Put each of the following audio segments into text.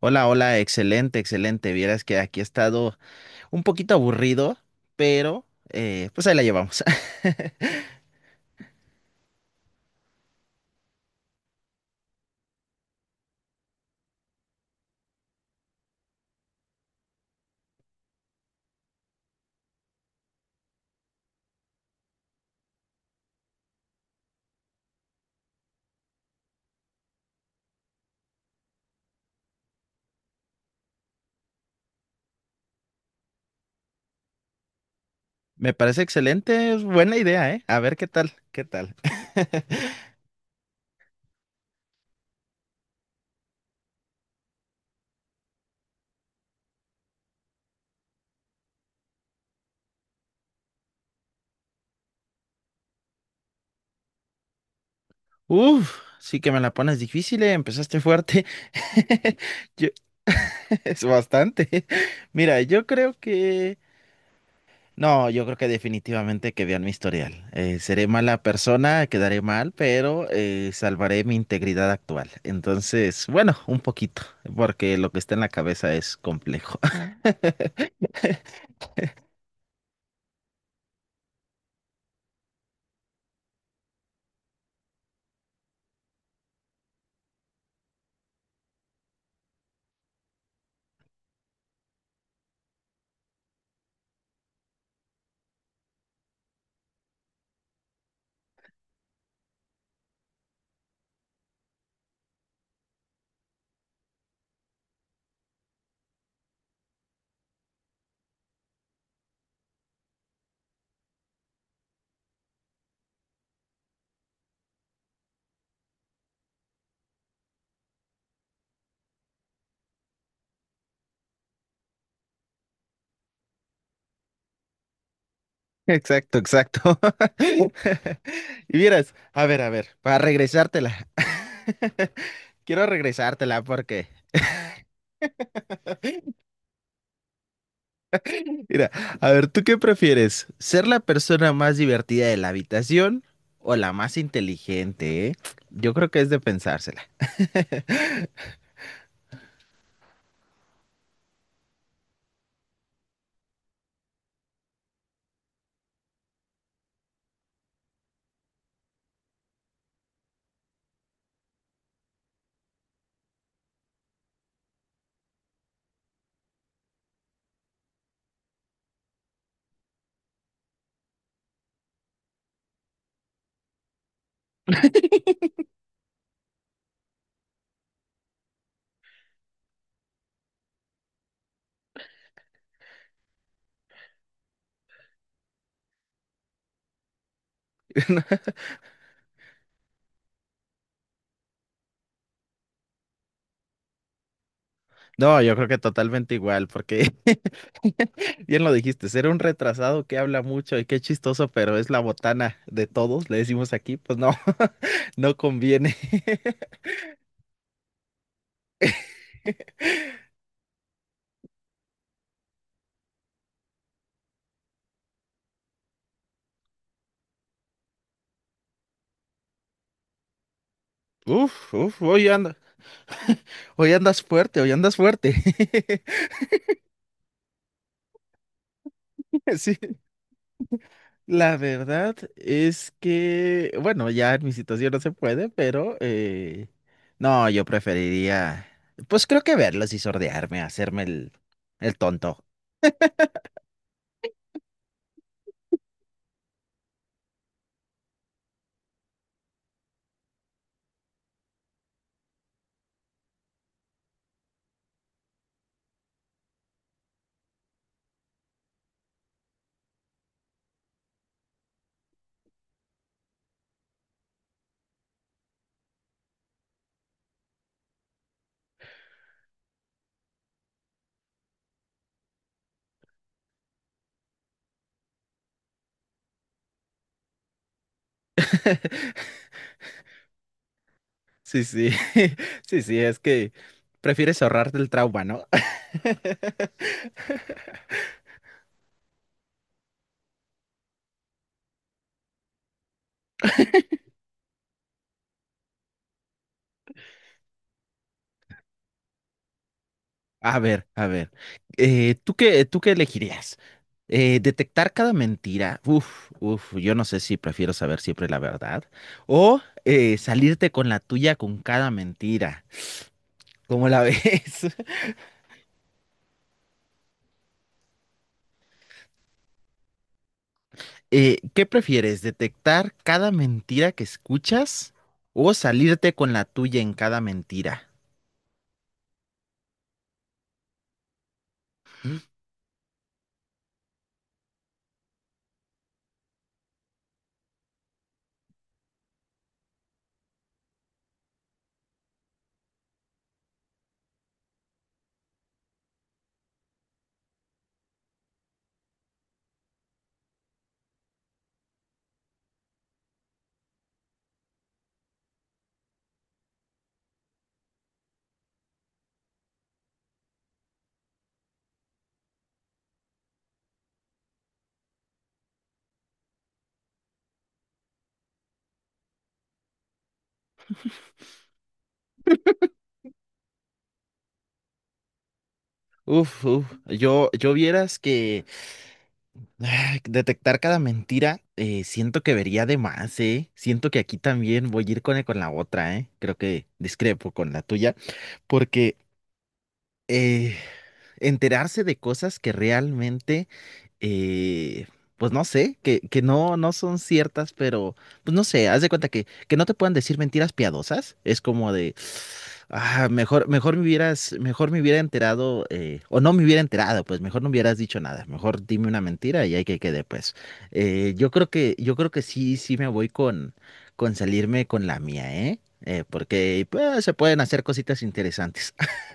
Hola, hola, excelente, excelente. Vieras que aquí he estado un poquito aburrido, pero pues ahí la llevamos. Me parece excelente, es buena idea, ¿eh? A ver qué tal, qué tal. Uf, sí que me la pones difícil, ¿eh? Empezaste fuerte. Yo- es bastante. Mira, yo creo que No, yo creo que definitivamente que vean mi historial. Seré mala persona, quedaré mal, pero salvaré mi integridad actual. Entonces, bueno, un poquito, porque lo que está en la cabeza es complejo. Exacto, exacto. Y vieras, a ver, para regresártela. Quiero regresártela porque, mira, a ver, ¿tú qué prefieres? ¿Ser la persona más divertida de la habitación o la más inteligente, eh? Yo creo que es de pensársela. No, yo creo que totalmente igual, porque bien lo dijiste, ser un retrasado que habla mucho y qué chistoso, pero es la botana de todos, le decimos aquí, pues no, no conviene. Uf, uf, hoy andas fuerte, hoy andas fuerte. Sí, la verdad es que, bueno, ya en mi situación no se puede, pero no, yo preferiría, pues creo que verlos y sordearme, hacerme el tonto. Sí, sí, sí, sí, es que prefieres ahorrarte el trauma, ¿no? A ver, tú qué elegirías? Detectar cada mentira, uf, uf, yo no sé si prefiero saber siempre la verdad o salirte con la tuya con cada mentira, ¿cómo la ves? ¿Qué prefieres, detectar cada mentira que escuchas o salirte con la tuya en cada mentira? Uf, uf, yo vieras que ah, detectar cada mentira, siento que vería de más, ¿eh? Siento que aquí también voy a ir con, con la otra, ¿eh? Creo que discrepo con la tuya, porque eh, enterarse de cosas que realmente eh, pues no sé, que no, no son ciertas, pero pues no sé, haz de cuenta que no te puedan decir mentiras piadosas, es como de, ah, mejor me hubieras, mejor me hubiera enterado, o no me hubiera enterado, pues mejor no hubieras dicho nada, mejor dime una mentira y ahí que quede, pues. Yo creo que sí, sí me voy con salirme con la mía, ¿eh? Porque pues, se pueden hacer cositas interesantes.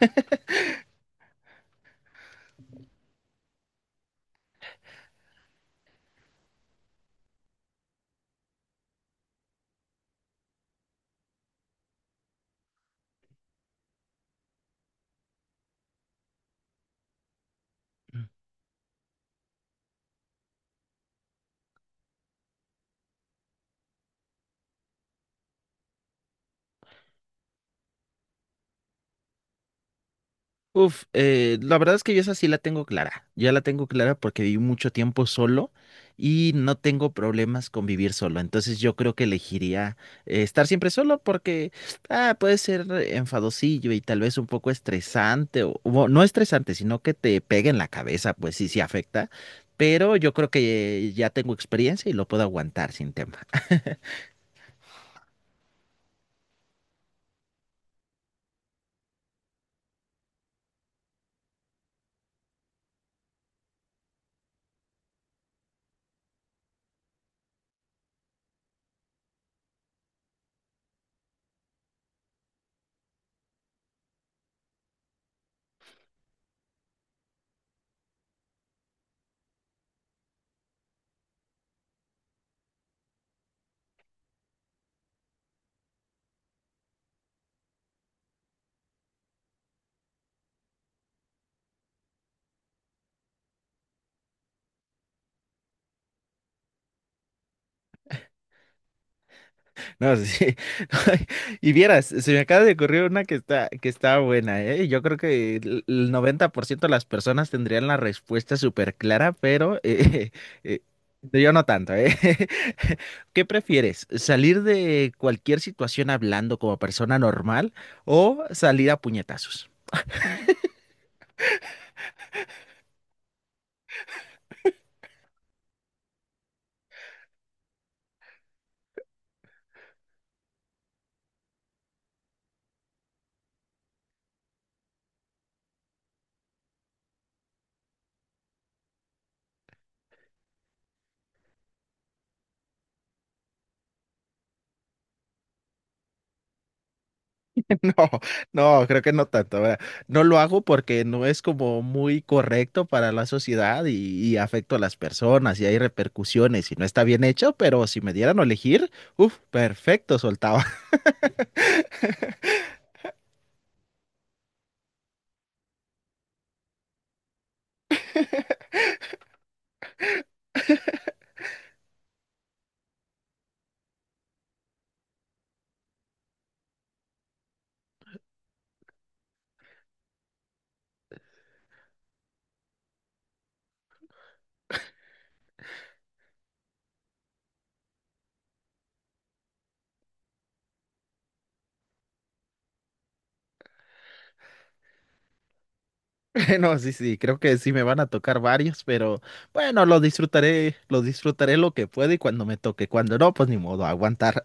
Uf, la verdad es que yo esa sí la tengo clara. Ya la tengo clara porque viví mucho tiempo solo y no tengo problemas con vivir solo. Entonces yo creo que elegiría estar siempre solo porque ah, puede ser enfadosillo y tal vez un poco estresante o no estresante, sino que te pegue en la cabeza, pues sí, sí afecta. Pero yo creo que ya tengo experiencia y lo puedo aguantar sin tema. No, sí. Y vieras, se me acaba de ocurrir una que está buena, ¿eh? Yo creo que el 90% de las personas tendrían la respuesta súper clara, pero eh, yo no tanto, ¿eh? ¿Qué prefieres? ¿Salir de cualquier situación hablando como persona normal o salir a puñetazos? No, no, creo que no tanto. ¿Verdad? No lo hago porque no es como muy correcto para la sociedad y afecto a las personas y hay repercusiones y no está bien hecho, pero si me dieran a elegir, uff, perfecto, soltaba. No, sí, sí, creo que sí me van a tocar varios, pero bueno, lo disfrutaré, lo disfrutaré lo que pueda y cuando me toque, cuando no, pues ni modo, aguantar.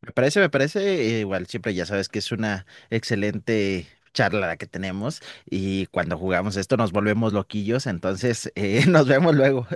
Me parece, igual siempre ya sabes que es una excelente charla la que tenemos y cuando jugamos esto nos volvemos loquillos, entonces nos vemos luego.